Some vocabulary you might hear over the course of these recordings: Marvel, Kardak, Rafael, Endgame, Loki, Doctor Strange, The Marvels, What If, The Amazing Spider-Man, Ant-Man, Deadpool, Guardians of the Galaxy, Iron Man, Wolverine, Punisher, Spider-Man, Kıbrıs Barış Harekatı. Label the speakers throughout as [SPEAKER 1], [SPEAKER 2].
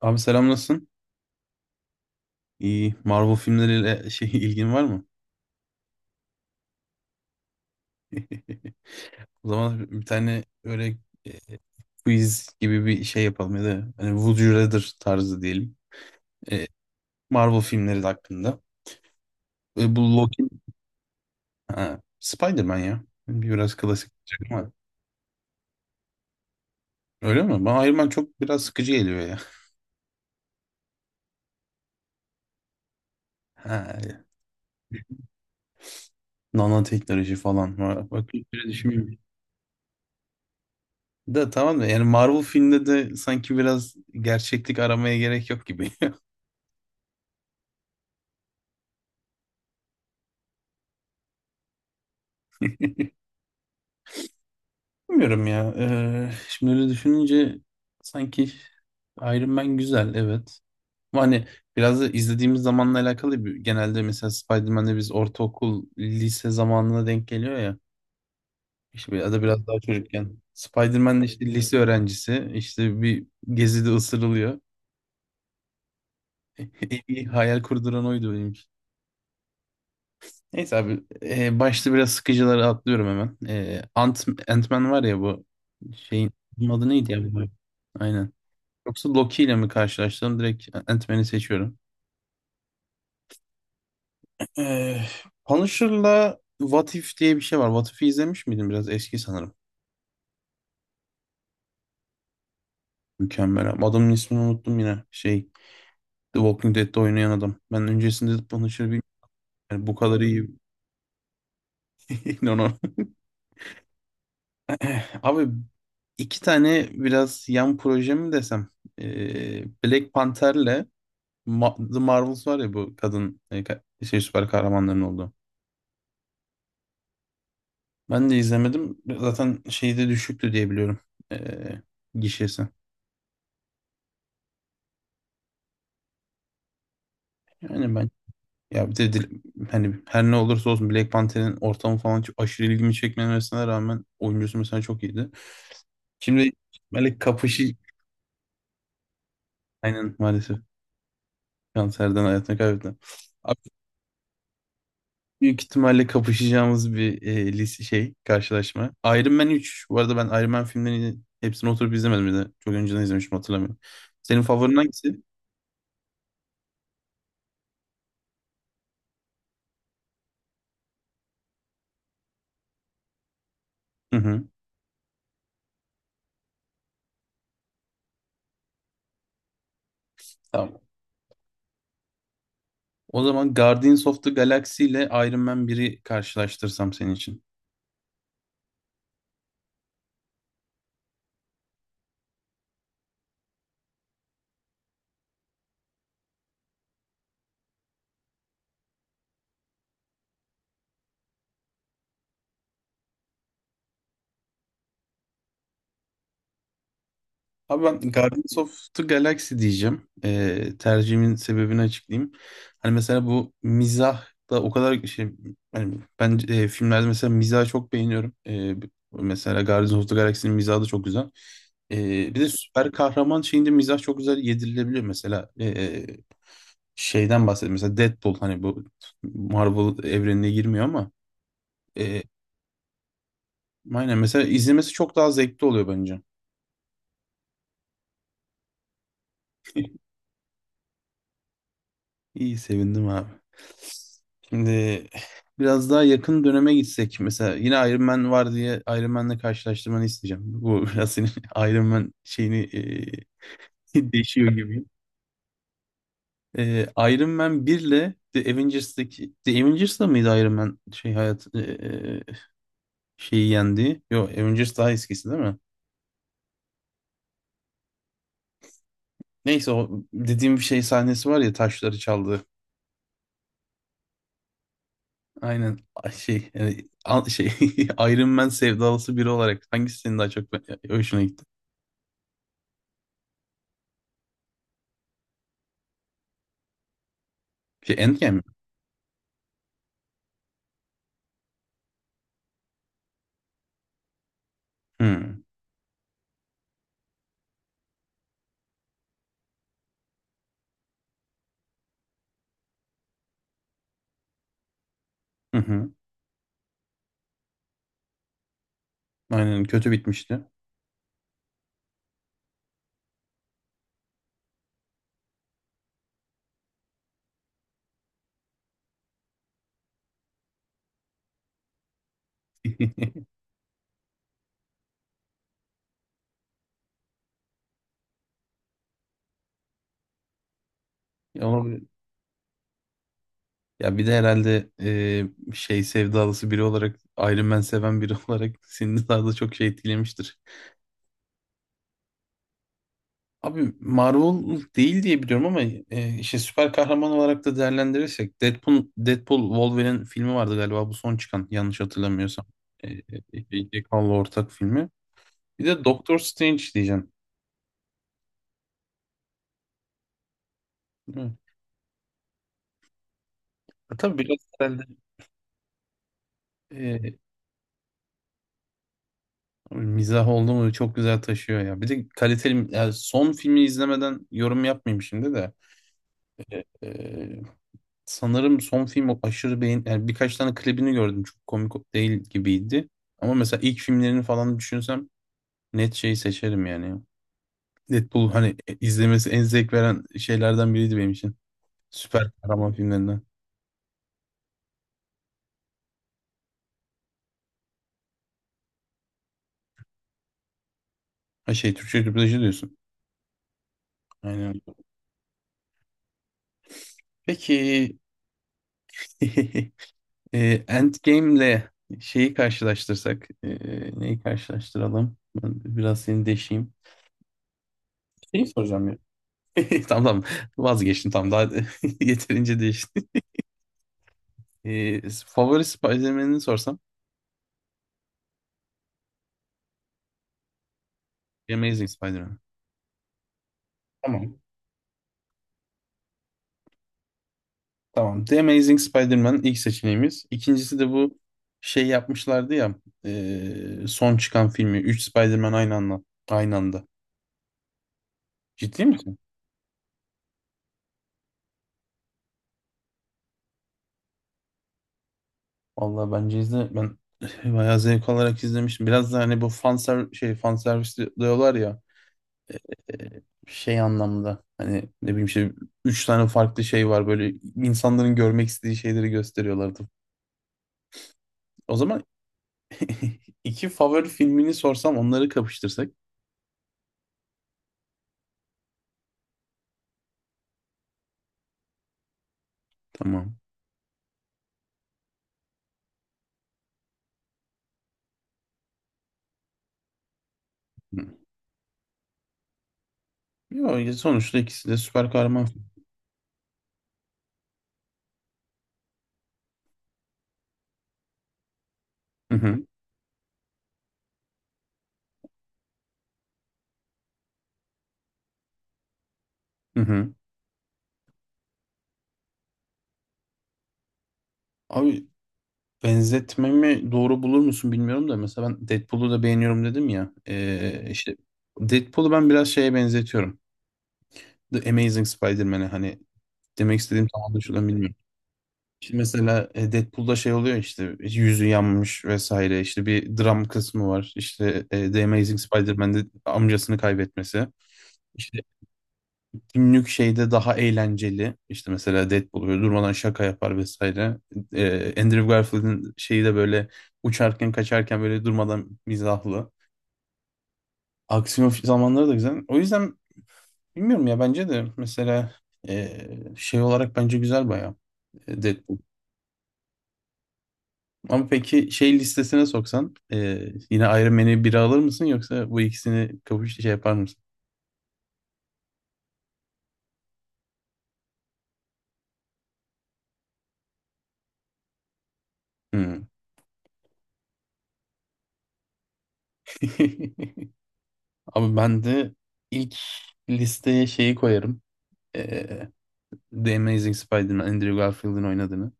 [SPEAKER 1] Abi selam nasılsın? İyi. Marvel filmleriyle ilgin var mı? O zaman bir tane öyle e, quiz gibi bir şey yapalım ya da hani Would You Rather tarzı diyelim. E, Marvel filmleri hakkında. Bu Loki, ha, Spider-Man ya. Biraz klasik olacak ama. Öyle mi? Bana Iron Man çok biraz sıkıcı geliyor ya. Ha, nanoteknoloji falan var. Bak bir düşünmüyorum. Da tamam da yani Marvel filmde de sanki biraz gerçeklik aramaya gerek yok gibi. Bilmiyorum ya. Şimdi öyle düşününce sanki Iron Man güzel, evet. Ama hani biraz da izlediğimiz zamanla alakalı bir, genelde mesela Spider-Man'de biz ortaokul, lise zamanına denk geliyor ya. İşte ya da biraz daha çocukken. Spider-Man de işte lise öğrencisi, işte bir gezide ısırılıyor. En iyi hayal kurduran oydu benim için. Neyse abi, başta biraz sıkıcıları atlıyorum hemen. Ant-Man var ya bu şeyin bunun adı neydi ya bu? Aynen. Yoksa Loki ile mi karşılaştım? Direkt Ant-Man'i seçiyorum. Ee, Punisher'la What If diye bir şey var. What If'i izlemiş miydin? Biraz eski sanırım. Mükemmel abi. Adamın ismini unuttum yine. The Walking Dead'de oynayan adam. Ben öncesinde Punisher'ı bilmiyorum. Yani bu kadar iyi. No, no. Abi, iki tane biraz yan proje mi desem? Black Panther'le The Marvels var ya, bu kadın şey süper kahramanların olduğu. Ben de izlemedim. Zaten şeyde düşüktü diye biliyorum. Ee, gişesi. Yani ben, ya bir de hani her ne olursa olsun Black Panther'in ortamı falan çok aşırı ilgimi çekmemesine rağmen oyuncusu mesela çok iyiydi. Şimdi böyle kapışı, aynen maalesef kanserden hayatını kaybetti. Abi, büyük ihtimalle kapışacağımız bir şey karşılaşma. Iron Man üç. Bu arada ben Iron Man filmlerini hepsini oturup izlemedim bir de. Çok önceden izlemiştim, hatırlamıyorum. Senin favorin hangisi? Hı hı. Tamam. O zaman Guardians of the Galaxy ile Iron Man 1'i karşılaştırsam senin için. Abi ben Guardians of the Galaxy diyeceğim. Tercihimin sebebini açıklayayım. Hani mesela bu mizah da o kadar şey, hani ben filmlerde mesela mizahı çok beğeniyorum. Mesela Guardians of the Galaxy'nin mizahı da çok güzel. Bir de süper kahraman şeyinde mizah çok güzel yedirilebiliyor. Mesela şeyden bahsedeyim. Mesela Deadpool, hani bu Marvel evrenine girmiyor ama e, aynen mesela izlemesi çok daha zevkli oluyor bence. İyi, sevindim abi. Şimdi biraz daha yakın döneme gitsek, mesela yine Iron Man var diye Iron Man'le karşılaştırmanı isteyeceğim. Bu biraz senin Iron Man şeyini değişiyor gibi. Iron Man 1 ile The Avengers'da mıydı Iron Man şey hayat şeyi yendi? Yok, Avengers daha eskisi değil mi? Neyse, o dediğim şey sahnesi var ya, taşları çaldı. Aynen. Ay, şey yani, şey Iron Man sevdalısı biri olarak hangisi senin daha çok hoşuna gitti? Şey, Endgame mi? Hmm. Hı hı. Aynen, kötü bitmişti. Ya, olabilir. Ya bir de herhalde şey sevdalısı biri olarak, Iron Man seven biri olarak seni daha da çok şey etkilemiştir. Abi Marvel değil diye biliyorum ama işte süper kahraman olarak da değerlendirirsek Deadpool, Deadpool Wolverine filmi vardı galiba bu son çıkan, yanlış hatırlamıyorsam. Jack Hall'la ortak filmi. Bir de Doktor Strange diyeceğim. Değil. Tabii biraz herhalde e, mizah oldu mu çok güzel taşıyor ya. Bir de kaliteli, yani son filmi izlemeden yorum yapmayayım şimdi de. E, e, sanırım son film o aşırı beğen, yani birkaç tane klibini gördüm, çok komik değil gibiydi. Ama mesela ilk filmlerini falan düşünsem net şeyi seçerim yani. Deadpool hani izlemesi en zevk veren şeylerden biriydi benim için. Süper kahraman filmlerinden. Ha, şey, Türkçe dublajı diyorsun. Aynen. Peki. Endgame'le şeyi karşılaştırsak, neyi karşılaştıralım? Ben biraz seni deşeyim. Şeyi soracağım ya. Tamam tamam, vazgeçtim tamam, daha yeterince değişti. Favori Spider-Man'ini sorsam? The Amazing Spider-Man. Tamam. Tamam. The Amazing Spider-Man ilk seçeneğimiz. İkincisi de bu şey yapmışlardı ya son çıkan filmi. Üç Spider-Man aynı anda. Aynı anda. Ciddi misin? Vallahi bence izle, ben bayağı zevk alarak izlemiştim. Biraz da hani bu fan ser şey, fan servis diyorlar ya şey anlamda, hani ne bileyim şey, üç tane farklı şey var böyle, insanların görmek istediği şeyleri gösteriyorlardı. O zaman iki favori filmini sorsam, onları kapıştırsak. Tamam. Hı. Yo, sonuçta ikisi de süper kahraman film. Hı hı. Hı hı. Abi, benzetmemi doğru bulur musun bilmiyorum da, mesela ben Deadpool'u da beğeniyorum dedim ya. İşte Deadpool'u ben biraz şeye benzetiyorum. The Amazing Spider-Man'e, hani demek istediğim tam anlaşılan bilmiyorum. Şimdi mesela Deadpool'da şey oluyor, işte yüzü yanmış vesaire, işte bir dram kısmı var. İşte The Amazing Spider-Man'de amcasını kaybetmesi. İşte günlük şeyde daha eğlenceli. İşte mesela Deadpool böyle durmadan şaka yapar vesaire. Andrew Garfield'in şeyi de böyle uçarken kaçarken böyle durmadan mizahlı. Aksiyon zamanları da güzel. O yüzden bilmiyorum ya, bence de mesela ee, şey olarak bence güzel bayağı, Deadpool. Ama peki şey listesine soksan yine Iron Man'i biri alır mısın, yoksa bu ikisini kapış şey yapar mısın? Hmm. Abi ben de ilk listeye şeyi koyarım. Ee, The Amazing Spider-Man, Andrew Garfield'in oynadığını.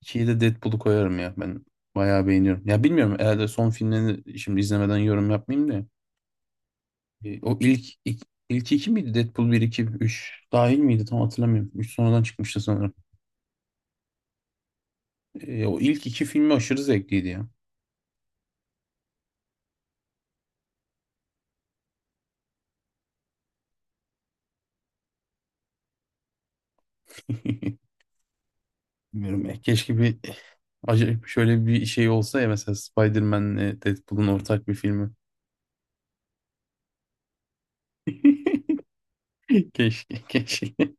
[SPEAKER 1] İkiyi de Deadpool'u koyarım ya. Ben bayağı beğeniyorum. Ya bilmiyorum, herhalde son filmlerini şimdi izlemeden yorum yapmayayım da. O ilk iki miydi? Deadpool bir 2 3 dahil miydi? Tam hatırlamıyorum. 3 sonradan çıkmıştı sanırım. O ilk iki filmi aşırı zevkliydi ya. Bilmiyorum ya. Keşke bir acayip şöyle bir şey olsa ya, mesela Spider-Man'le Deadpool'un ortak bir filmi. Keşke, keşke.